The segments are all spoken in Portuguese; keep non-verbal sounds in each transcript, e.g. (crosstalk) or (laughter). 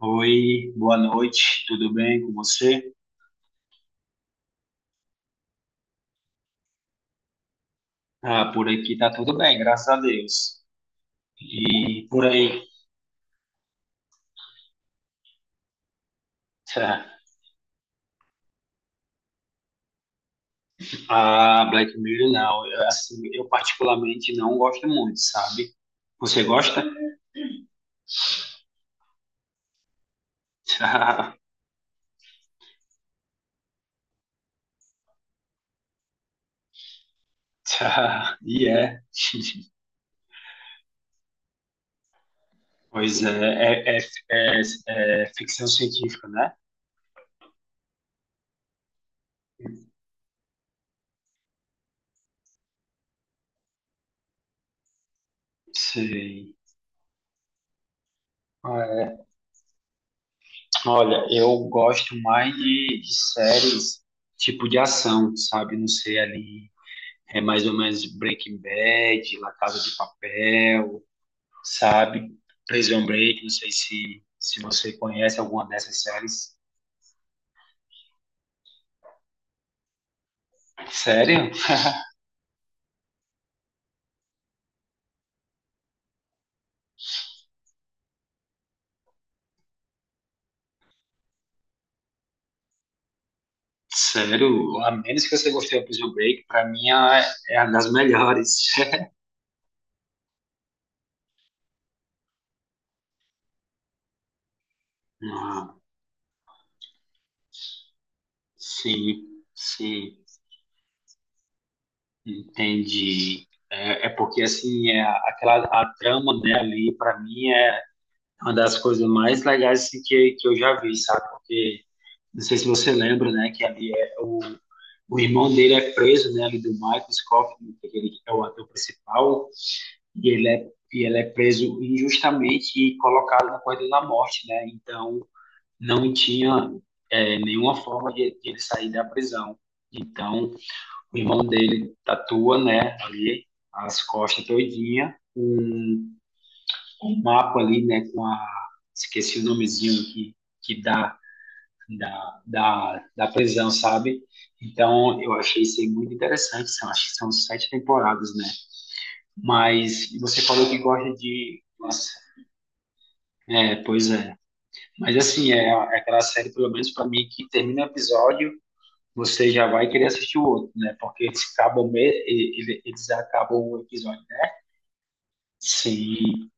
Oi, boa noite, tudo bem com você? Ah, por aqui tá tudo bem, graças a Deus. E por aí, (laughs) tá. Ah, Black Mirror não, eu, assim, eu particularmente não gosto muito, sabe? Você gosta? (laughs) Tá, tá, e é. (laughs) Pois é, é, é, é ficção científica, né? Sei. É, Olha, eu gosto mais de séries tipo de ação, sabe? Não sei ali. É mais ou menos Breaking Bad, La Casa de Papel, sabe? Prison Break, não sei se você conhece alguma dessas séries. Sério? Sério, a menos que você gostou do Prison Break, pra mim é uma das melhores. (laughs) Ah, sim, sim, entendi. É, é porque assim, é aquela a trama, né, ali, pra mim é uma das coisas mais legais assim, que eu já vi, sabe? Porque não sei se você lembra, né? Que ali é o, O irmão dele é preso, né? Ali do Michael Scofield, né, que ele é o ator principal, e ele é preso injustamente e colocado na corrida da morte, né? Então não tinha nenhuma forma de ele sair da prisão. Então o irmão dele tatua, né? Ali as costas todinha, um mapa ali, né? Com a, esqueci o nomezinho que dá da prisão, sabe? Então, eu achei isso aí muito interessante. São, acho que são sete temporadas, né? Mas você falou que gosta de. Nossa, é, pois é. Mas, assim, é, é aquela série, pelo menos para mim, que termina o episódio, você já vai querer assistir o outro, né? Porque eles acabam, eles acabam o episódio, né? Sim.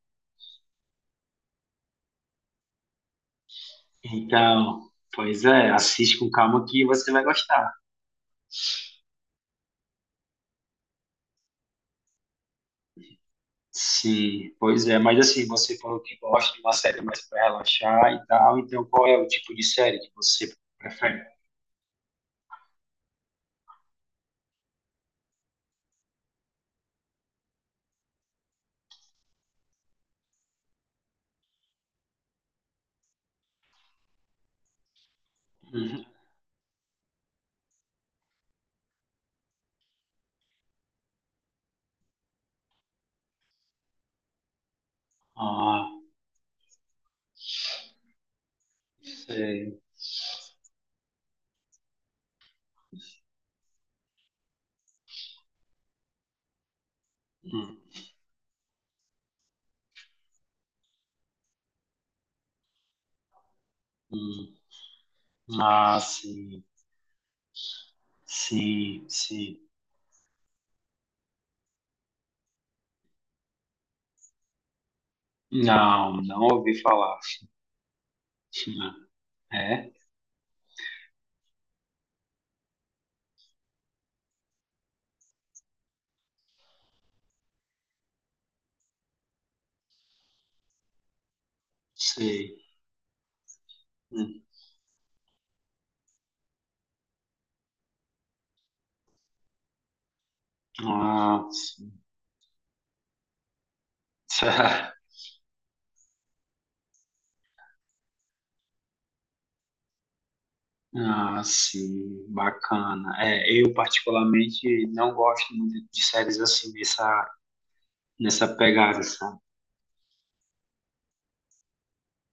Então, pois é, assiste com calma que você vai gostar. Sim, pois é, mas assim, você falou que gosta de uma série mais para relaxar e tal, então qual é o tipo de série que você prefere? Uhum. Ah, sei. Hum, hum. Ah, sim, sim, sim. Não, não ouvi falar. (laughs) É? Sei. Hum. Ah, sim. (laughs) Ah, sim, bacana. É, eu particularmente não gosto muito de séries assim nessa nessa pegada, sabe?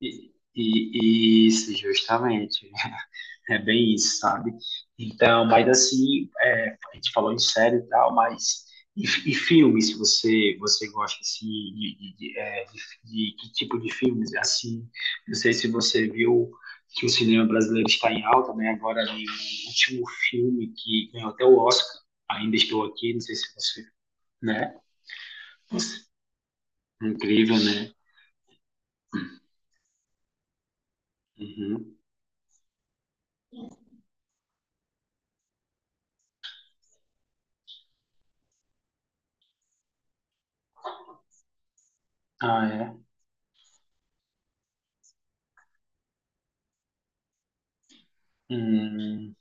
Isso, justamente. (laughs) É bem isso, sabe? Então, mas assim, é, a gente falou em série e tal, mas e filmes, você, você gosta assim, de que tipo de filmes? Assim, não sei se você viu que o cinema brasileiro está em alta, né? Agora, ali, o último filme que ganhou até o Oscar, Ainda Estou Aqui, não sei se você, né? Incrível, né? Uhum. Ah, é. Hum,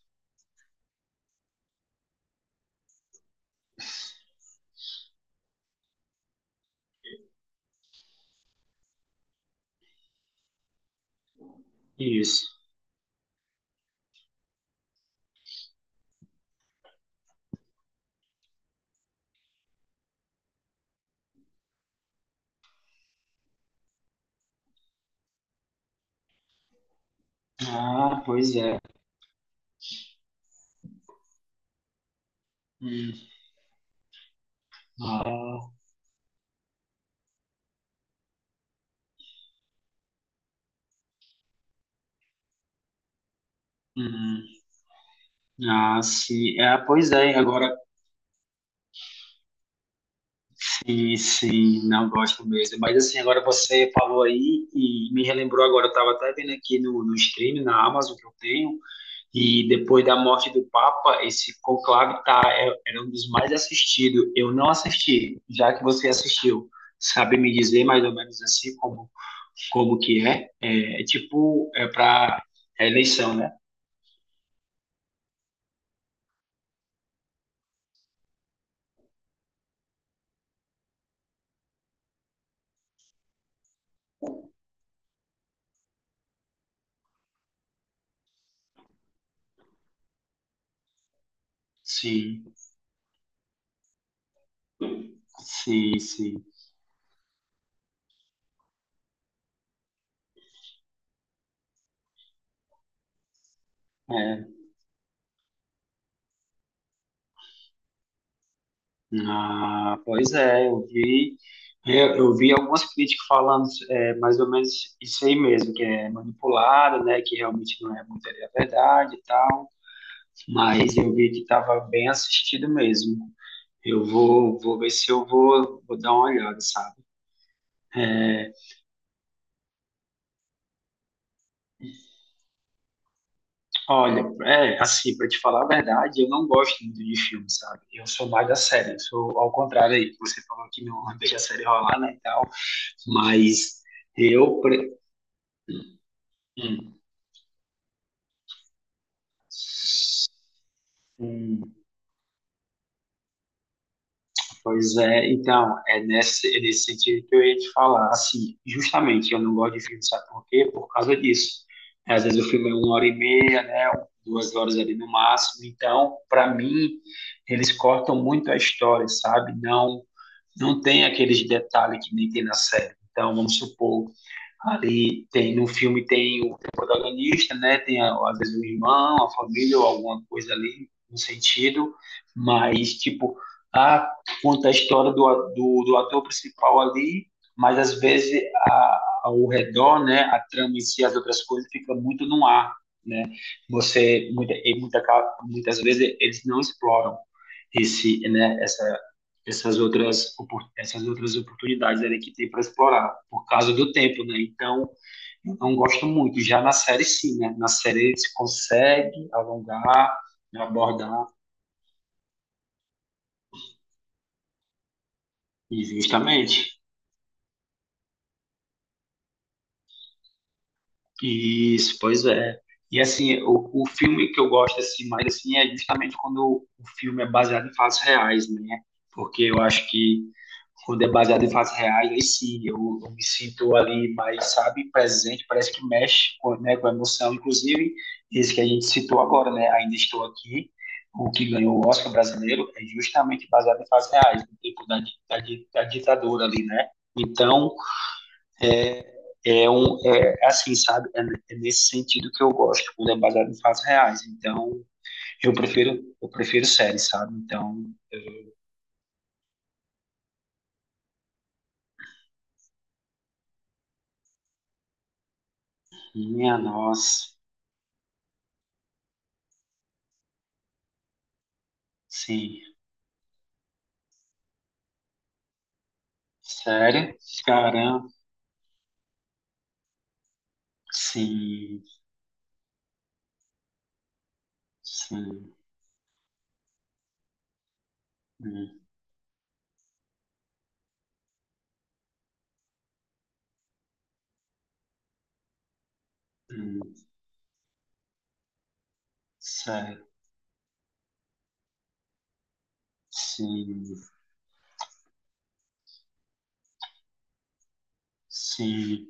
isso. Ah, pois é. Hum. Ah, hum. Ah, sim. Ah, pois é, agora sim, sim, não gosto mesmo. Mas assim, agora você falou aí e me relembrou agora, eu estava até vendo aqui no stream, na Amazon que eu tenho, e depois da morte do Papa, esse conclave tá, era um dos mais assistidos. Eu não assisti, já que você assistiu. Sabe me dizer mais ou menos assim como, como que é? É, é tipo, é para eleição, né? Sim. Sim, sim. É. Ah, pois é, eu vi, eu vi algumas críticas falando é, mais ou menos isso aí mesmo, que é manipulado, né, que realmente não é muito a verdade e tal, mas eu vi que estava bem assistido mesmo. Eu vou, vou ver se eu vou, vou dar uma olhada, sabe? Olha, é, assim, para te falar a verdade, eu não gosto muito de filme, sabe? Eu sou mais da série, eu sou ao contrário aí, que você falou que não (laughs) deixa a série rolar, né, e tal, mas... Eu, hum. Hum, pois é, então, é nesse sentido que eu ia te falar. Assim, justamente, eu não gosto de filme, sabe por quê? Por causa disso. É, às vezes o filme é uma hora e meia, né? Duas horas ali no máximo. Então, para mim, eles cortam muito a história, sabe? Não, não tem aqueles detalhes que nem tem na série. Então, vamos supor. Ali tem, no filme tem o protagonista, né? Tem a- às vezes um irmão, a família ou alguma coisa ali no sentido, mas tipo, ah, conta a história do, a- do, do ator principal ali, mas às vezes a, ao redor, né? A trama em si, as outras coisas fica muito no ar, né? Você muita, e muita, muitas vezes eles não exploram esse, né? Essas outras, essas outras oportunidades ali que tem para explorar, por causa do tempo, né? Então, eu não gosto muito. Já na série, sim, né? Na série se consegue alongar, abordar, e justamente. Isso, pois é. E assim, o filme que eu gosto assim, mais assim, é justamente quando o filme é baseado em fatos reais, né? Porque eu acho que quando é baseado em fatos reais, aí sim, eu me sinto ali mais, sabe, presente, parece que mexe com, né, com a emoção, inclusive esse que a gente citou agora, né, Ainda Estou Aqui, o que ganhou o Oscar brasileiro é justamente baseado em fatos reais, no tempo da, da ditadura ali, né, então, é, é assim, sabe, é, é nesse sentido que eu gosto, quando é baseado em fatos reais, então, eu prefiro séries, sabe, então, minha nossa, sim. Sério? Caramba. Sim, sim. Hum, hum, sério. Sim, sim.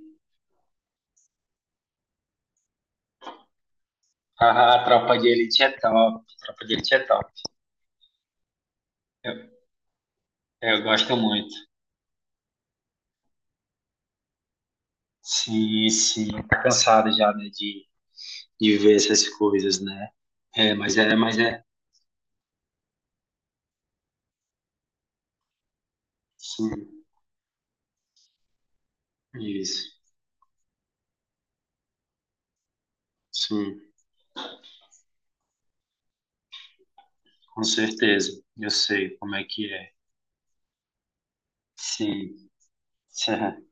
Ah, a Tropa de Elite é top. Tropa de Elite é top. Eu, eu gosto muito. Sim, sim. Tá cansado já, né, de ver essas coisas, né? É, mas é, mas é. Sim, isso. Sim, com certeza. Eu sei como é que é. Sim, (laughs)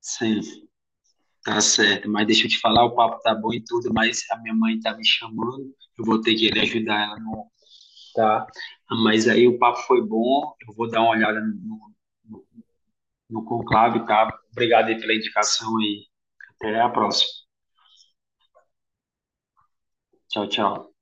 sim. Sim. Tá certo, mas deixa eu te falar, o papo tá bom e tudo, mas a minha mãe tá me chamando, eu vou ter que ir ajudar ela no, tá? Mas aí o papo foi bom, eu vou dar uma olhada no, no conclave, tá? Obrigado aí pela indicação e até a próxima. Tchau, tchau.